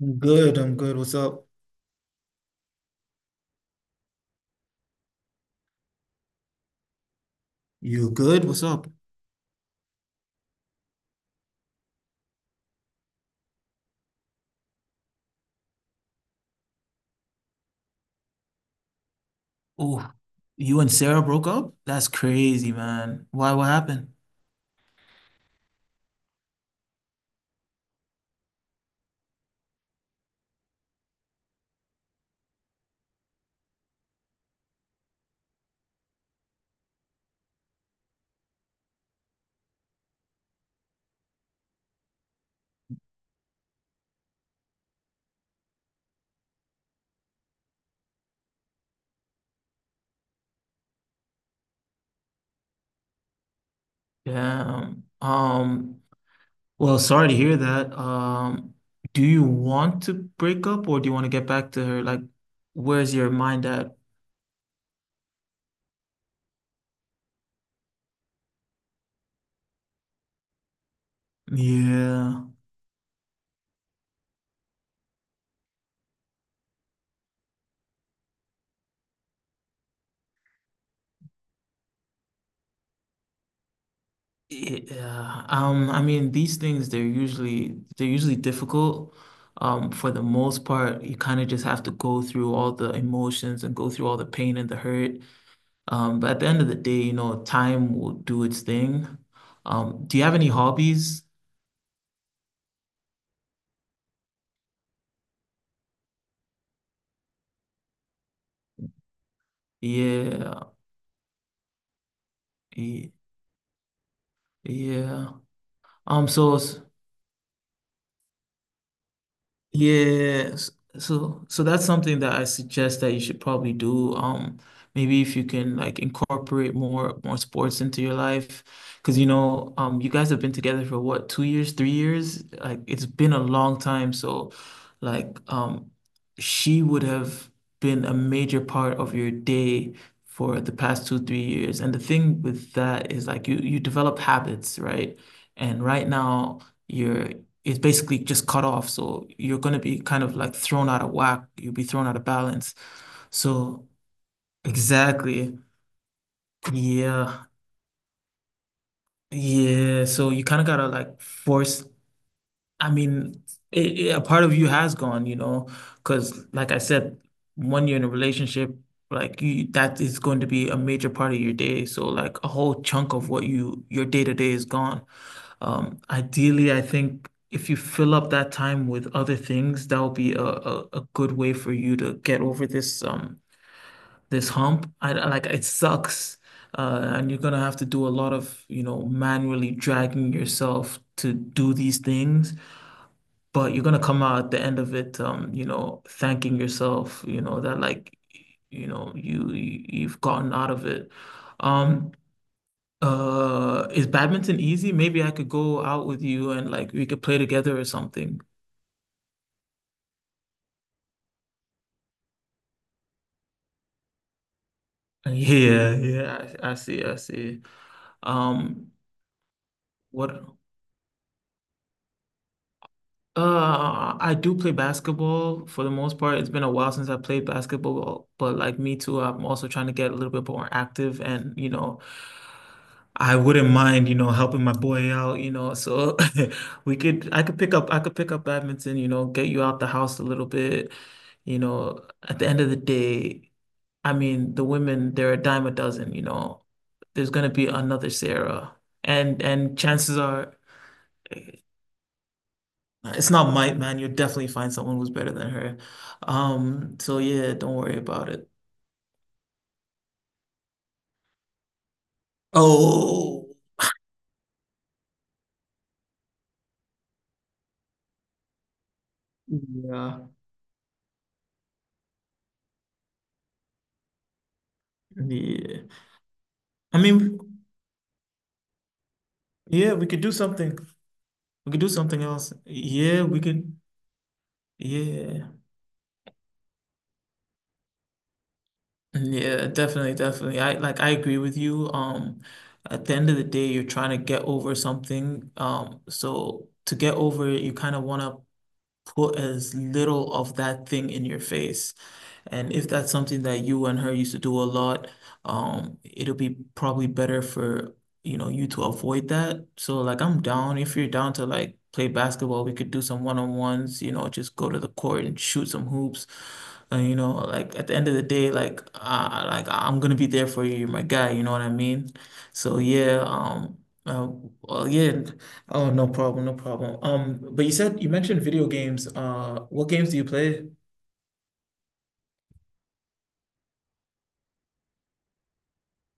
I'm good. I'm good. What's up? You good? What's up? Oh, you and Sarah broke up? That's crazy, man. Why? What happened? Damn. Well, sorry to hear that. Do you want to break up or do you want to get back to her? Like, where's your mind at? Yeah. Yeah. I mean, these things they're usually difficult. For the most part, you kind of just have to go through all the emotions and go through all the pain and the hurt. But at the end of the day, you know, time will do its thing. Do you have any hobbies? Yeah, yeah, yeah. Um, so s- Yeah, so that's something that I suggest that you should probably do. Maybe if you can like incorporate more sports into your life, because you know, you guys have been together for what, 2 years, 3 years? Like it's been a long time. So, like, she would have been a major part of your day for the past two, 3 years. And the thing with that is like you develop habits, right? And right now. You're is basically just cut off. So you're going to be kind of like thrown out of whack. You'll be thrown out of balance. So exactly. Yeah. Yeah. So you kind of got to like force. I mean, a part of you has gone, you know, because like I said, when you're in a relationship, like you, that is going to be a major part of your day. So like a whole chunk of what you, your day to day is gone. Ideally, I think if you fill up that time with other things, that'll be a good way for you to get over this hump. I like it sucks. And you're gonna have to do a lot of, you know, manually dragging yourself to do these things, but you're gonna come out at the end of it, you know, thanking yourself, you know, that like, you know, you've gotten out of it. Um, is badminton easy? Maybe I could go out with you and like we could play together or something. Yeah, yeah, I see, I see. Um, what? I do play basketball for the most part. It's been a while since I played basketball, but like me too, I'm also trying to get a little bit more active and, you know, I wouldn't mind, you know, helping my boy out, you know. So we could I could pick up badminton, you know, get you out the house a little bit, you know. At the end of the day, I mean, the women, they're a dime a dozen, you know. There's gonna be another Sarah. And chances are nah, it's not might, man. You'll definitely find someone who's better than her. So yeah, don't worry about it. Oh, yeah. Yeah. I mean, yeah, we could do something. We could do something else. Yeah, we could. Yeah. Yeah, definitely, definitely. I agree with you. At the end of the day, you're trying to get over something. So to get over it, you kind of want to put as little of that thing in your face. And if that's something that you and her used to do a lot, it'll be probably better for, you know, you to avoid that. So like I'm down if you're down to like play basketball, we could do some one-on-ones, you know, just go to the court and shoot some hoops. And you know, like at the end of the day, like I'm gonna be there for you. You're my guy, you know what I mean? So yeah, uh, well, yeah. Oh, no problem, no problem. But you said you mentioned video games. What games do you play?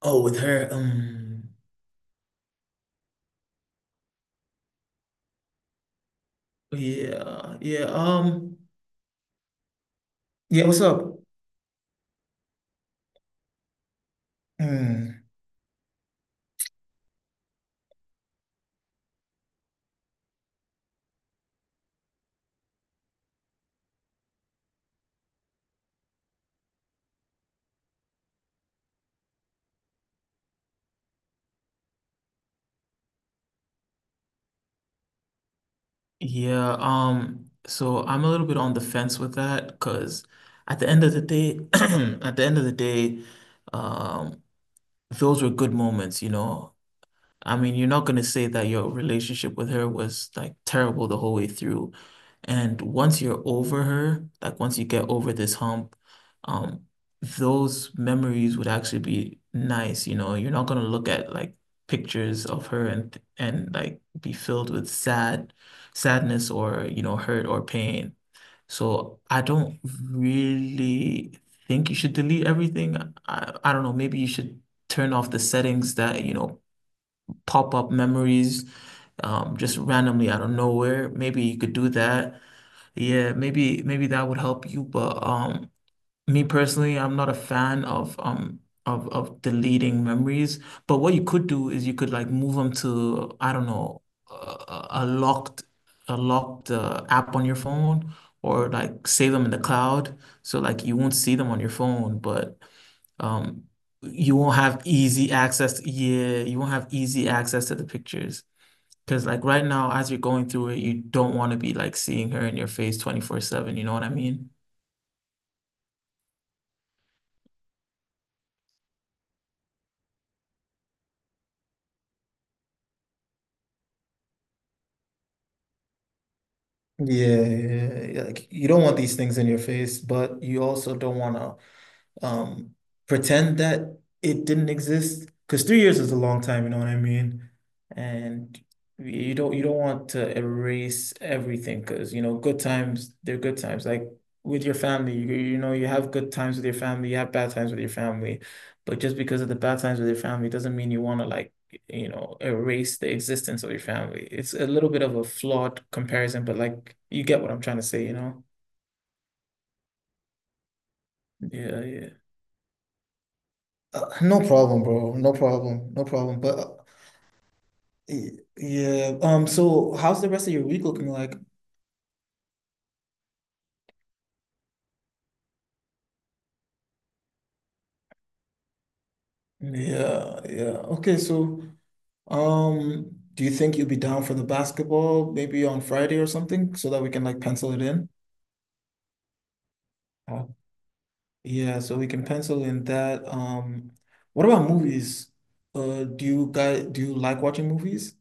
Oh, with her. Yeah, yeah. Yeah. What's up? Mm, yeah. So I'm a little bit on the fence with that because at the end of the day, at the end of the day, um, those were good moments, you know. I mean, you're not gonna say that your relationship with her was like terrible the whole way through. And once you're over her, like once you get over this hump, um, those memories would actually be nice, you know. You're not gonna look at like pictures of her and like be filled with sadness or, you know, hurt or pain. So I don't really think you should delete everything. I don't know, maybe you should turn off the settings that, you know, pop up memories just randomly out of nowhere. Maybe you could do that. Yeah, maybe that would help you. But me personally, I'm not a fan of of deleting memories. But what you could do is you could like move them to I don't know a, a locked a locked app on your phone or like save them in the cloud so like you won't see them on your phone, but um you won't have easy access. Yeah, you won't have easy access to the pictures. Because like right now, as you're going through it, you don't want to be like seeing her in your face 24/7, you know what I mean? Yeah, yeah, yeah. Like you don't want these things in your face, but you also don't want to um, pretend that it didn't exist because 3 years is a long time, you know what I mean? And you don't want to erase everything, because you know, good times, they're good times. Like with your family, you know, you have good times with your family, you have bad times with your family, but just because of the bad times with your family doesn't mean you want to like, you know, erase the existence of your family. It's a little bit of a flawed comparison, but like you get what I'm trying to say, you know. Yeah, yeah. No problem, bro. No problem. No problem. But yeah, so how's the rest of your week looking like? Yeah, yeah. Okay, so do you think you'll be down for the basketball maybe on Friday or something so that we can like pencil it in? Uh, yeah, so we can pencil in that. What about movies? Do you like watching movies?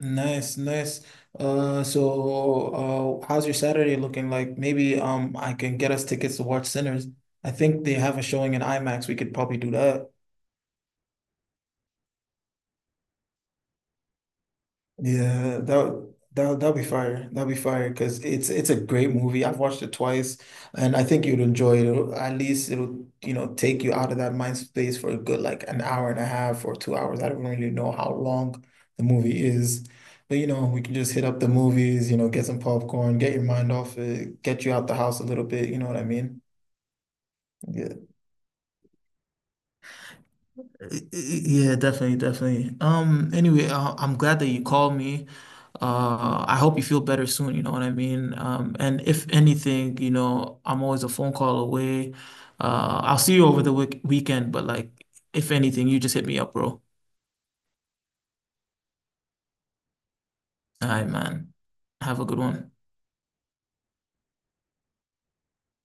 Nice, nice. So, how's your Saturday looking like? Maybe I can get us tickets to watch Sinners. I think they have a showing in IMAX. We could probably do that. Yeah, that that'll be fire. That'll be fire because it's a great movie. I've watched it twice, and I think you'd enjoy it. At least it'll, you know, take you out of that mind space for a good like an hour and a half or 2 hours. I don't really know how long the movie is, but you know we can just hit up the movies. You know, get some popcorn, get your mind off it, get you out the house a little bit. You know what I mean? Yeah. Yeah, definitely, definitely. Anyway, I'm glad that you called me. I hope you feel better soon, you know what I mean? And if anything, you know, I'm always a phone call away. I'll see you over the weekend, but like, if anything, you just hit me up, bro. All right, man. Have a good one.